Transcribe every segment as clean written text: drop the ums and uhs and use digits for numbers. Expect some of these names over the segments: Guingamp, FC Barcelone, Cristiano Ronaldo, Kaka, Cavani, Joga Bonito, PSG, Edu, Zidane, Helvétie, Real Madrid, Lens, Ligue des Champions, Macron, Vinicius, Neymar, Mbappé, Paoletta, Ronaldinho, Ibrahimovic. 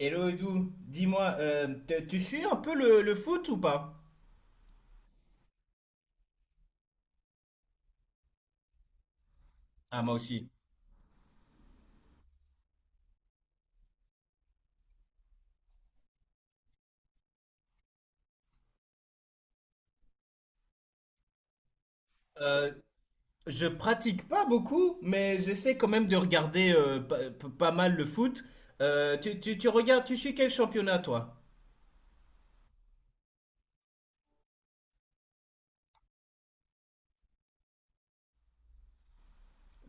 Hello Edu, dis-moi, tu suis un peu le foot ou pas? Ah, moi aussi. Euh, je pratique pas beaucoup, mais j'essaie quand même de regarder pas mal le foot. Tu regardes, tu suis quel championnat toi?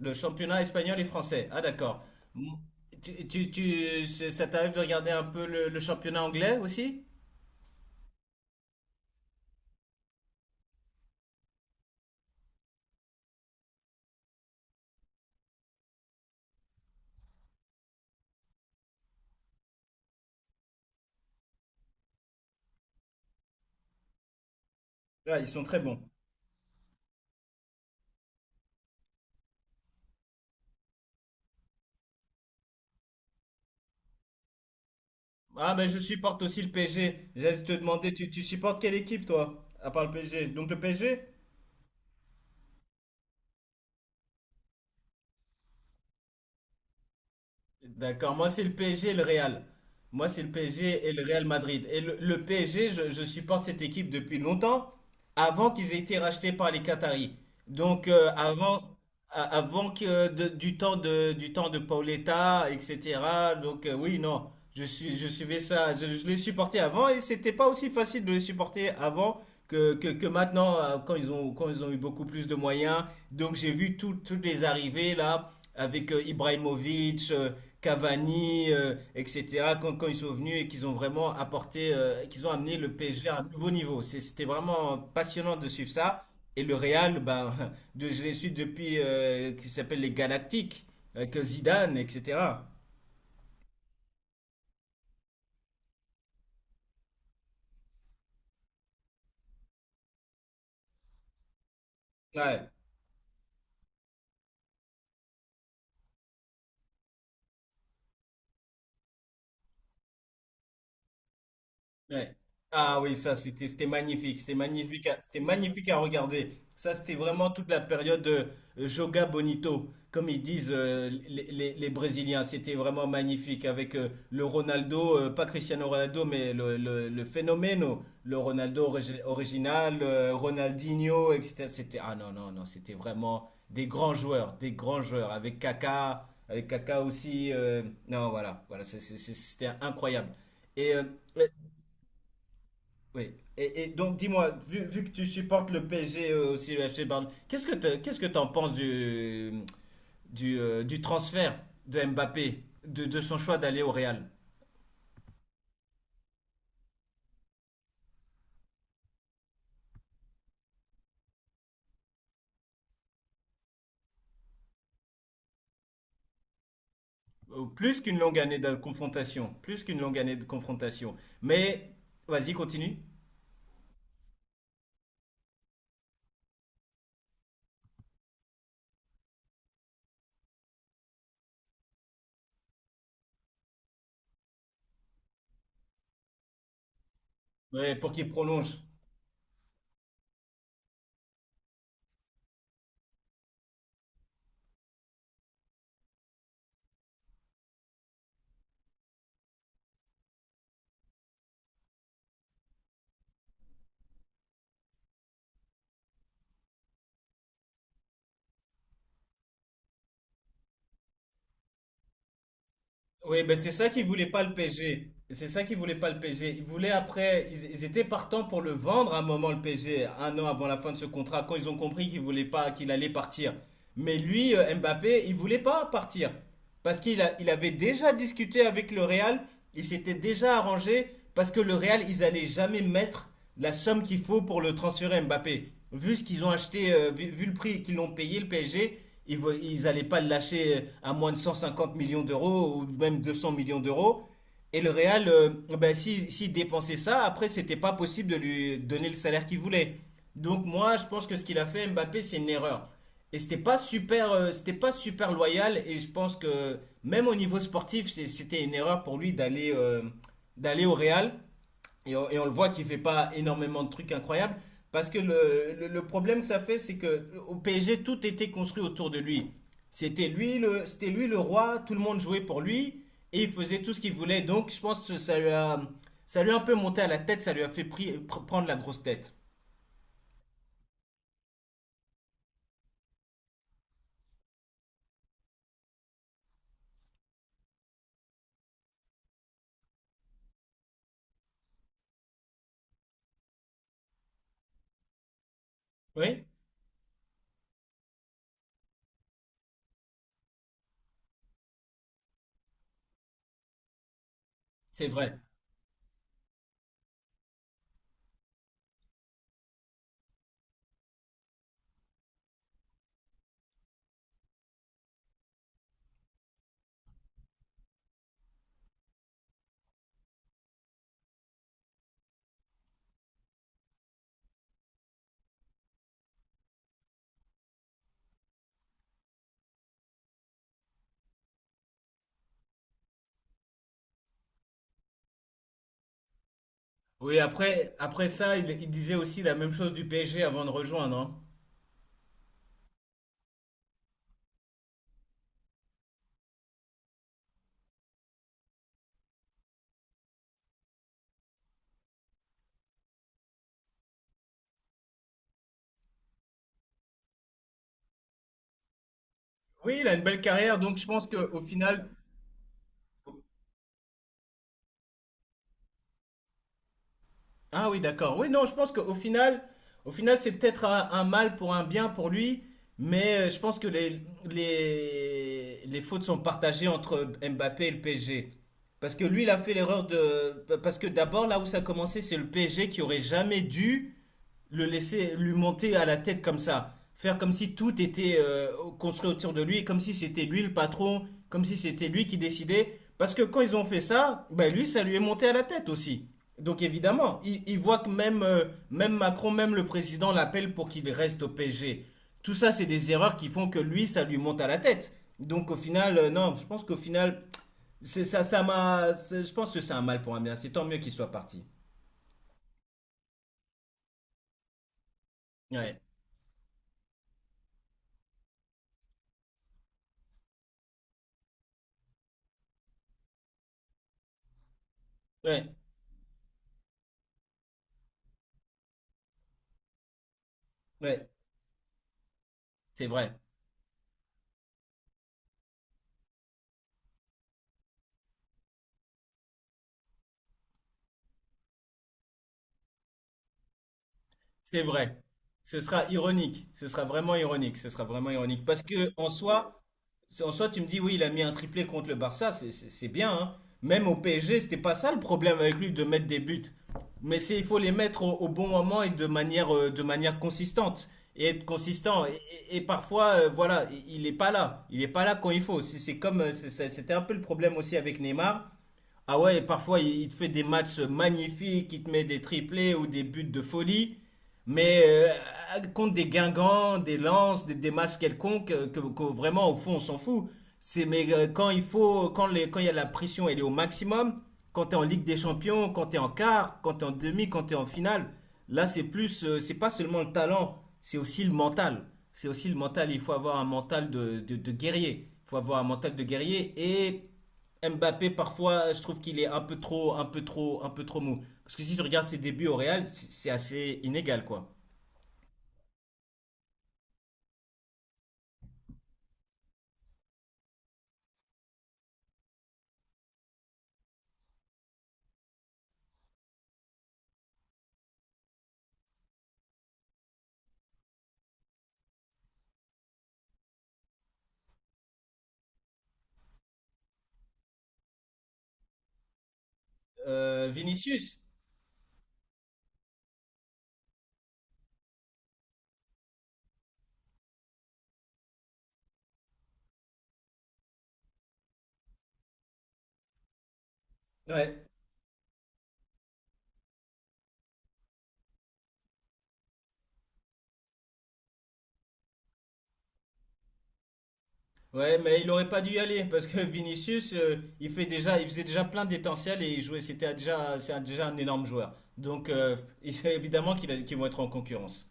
Le championnat espagnol et français. Ah d'accord. Mou- ça t'arrive de regarder un peu le championnat anglais aussi? Ah, ils sont très bons. Ah, mais je supporte aussi le PSG. J'allais te demander, tu supportes quelle équipe toi? À part le PSG. Donc le PSG? D'accord, moi c'est le PSG et le Real. Moi c'est le PSG et le Real Madrid. Et le PSG, je supporte cette équipe depuis longtemps, avant qu'ils aient été rachetés par les Qataris. Donc avant, du temps de Paoletta, etc. Donc oui, non, je suivais ça, je les supportais avant et c'était pas aussi facile de les supporter avant que maintenant quand ils ont eu beaucoup plus de moyens. Donc j'ai vu toutes les arrivées là avec Ibrahimovic, Cavani, etc., quand ils sont venus et qu'ils ont vraiment apporté, qu'ils ont amené le PSG à un nouveau niveau. C'était vraiment passionnant de suivre ça. Et le Real, ben, de, je les suis depuis, qui s'appelle les Galactiques, avec Zidane, etc. Ouais. Ouais. Ah oui, ça c'était magnifique, c'était magnifique, c'était magnifique à regarder. Ça c'était vraiment toute la période Joga Bonito, comme ils disent les Brésiliens. C'était vraiment magnifique avec le Ronaldo, pas Cristiano Ronaldo, mais le phénomène, le Ronaldo original, Ronaldinho, etc. C'était ah non non non, c'était vraiment des grands joueurs avec Kaka aussi. Non voilà voilà, c'était incroyable. Et oui. Et donc, dis-moi, vu que tu supportes le PSG aussi, le FC Barcelone, qu'est-ce que t'en penses du transfert de Mbappé, de son choix d'aller au Real? Plus qu'une longue année de confrontation, plus qu'une longue année de confrontation. Mais, vas-y, continue. Ouais, pour qu'il prolonge. Oui, ben c'est ça qu'ils voulaient pas le PG. C'est ça qu'ils voulaient pas le PG. Ils voulaient après, ils étaient partants pour le vendre à un moment le PG, un an avant la fin de ce contrat, quand ils ont compris qu'il voulait pas, qu'il allait partir. Mais lui, Mbappé, il voulait pas partir parce il avait déjà discuté avec le Real. Il s'était déjà arrangé parce que le Real, ils allaient jamais mettre la somme qu'il faut pour le transférer Mbappé. Vu ce qu'ils ont acheté, vu le prix qu'ils l'ont payé, le PSG, ils allaient pas le lâcher à moins de 150 millions d'euros ou même 200 millions d'euros. Et le Real, ben, si, s'il dépensait ça, après, c'était pas possible de lui donner le salaire qu'il voulait. Donc moi, je pense que ce qu'il a fait, Mbappé, c'est une erreur. Et c'était pas super loyal. Et je pense que même au niveau sportif, c'était une erreur pour lui d'aller d'aller au Real. Et on le voit qu'il ne fait pas énormément de trucs incroyables. Parce que le problème que ça fait, c'est que au PSG, tout était construit autour de lui. C'était lui le roi, tout le monde jouait pour lui et il faisait tout ce qu'il voulait. Donc je pense que ça lui a un peu monté à la tête, ça lui a fait prendre la grosse tête. Oui, c'est vrai. Oui, après, après ça, il disait aussi la même chose du PSG avant de rejoindre, hein. Oui, il a une belle carrière, donc je pense qu'au final, ah oui, d'accord. Oui, non, je pense qu'au final, au final, c'est peut-être un mal pour un bien pour lui, mais je pense que les fautes sont partagées entre Mbappé et le PSG. Parce que lui, il a fait l'erreur de... Parce que d'abord, là où ça a commencé, c'est le PSG qui aurait jamais dû le laisser lui monter à la tête comme ça, faire comme si tout était construit autour de lui, comme si c'était lui le patron, comme si c'était lui qui décidait. Parce que quand ils ont fait ça, ben lui, ça lui est monté à la tête aussi. Donc évidemment, il voit que même Macron, même le président l'appelle pour qu'il reste au PSG. Tout ça, c'est des erreurs qui font que lui, ça lui monte à la tête. Donc au final, non, je pense qu'au final, ça, ça m'a, je pense que c'est un mal pour un bien. C'est tant mieux qu'il soit parti. Ouais, ouais, ouais, c'est vrai. C'est vrai. Ce sera ironique. Ce sera vraiment ironique. Ce sera vraiment ironique. Parce que en soi, tu me dis, oui, il a mis un triplé contre le Barça, c'est bien, hein. Même au PSG, c'était pas ça le problème avec lui de mettre des buts. Mais c'est, il faut les mettre au bon moment et de manière consistante. Et être consistant. Et parfois, voilà, il n'est pas là. Il n'est pas là quand il faut. C'est comme, c'était un peu le problème aussi avec Neymar. Ah ouais, parfois il te fait des matchs magnifiques, il te met des triplés ou des buts de folie, mais contre des Guingamp, des Lens, des matchs quelconques, que vraiment au fond on s'en fout. C'est mais quand il faut, quand il y a la pression, elle est au maximum. Quand t'es en Ligue des Champions, quand t'es en quart, quand t'es en demi, quand t'es en finale, là c'est plus, c'est pas seulement le talent, c'est aussi le mental. C'est aussi le mental. Il faut avoir un mental de guerrier. Il faut avoir un mental de guerrier et Mbappé, parfois, je trouve qu'il est un peu trop, un peu trop, un peu trop mou. Parce que si je regarde ses débuts au Real, c'est assez inégal, quoi. Vinicius? Ouais. Ouais, mais il aurait pas dû y aller parce que Vinicius, il fait déjà, il faisait déjà plein d'étincelles et il jouait, c'était déjà, déjà un énorme joueur. Donc, évidemment qu'ils vont être en concurrence.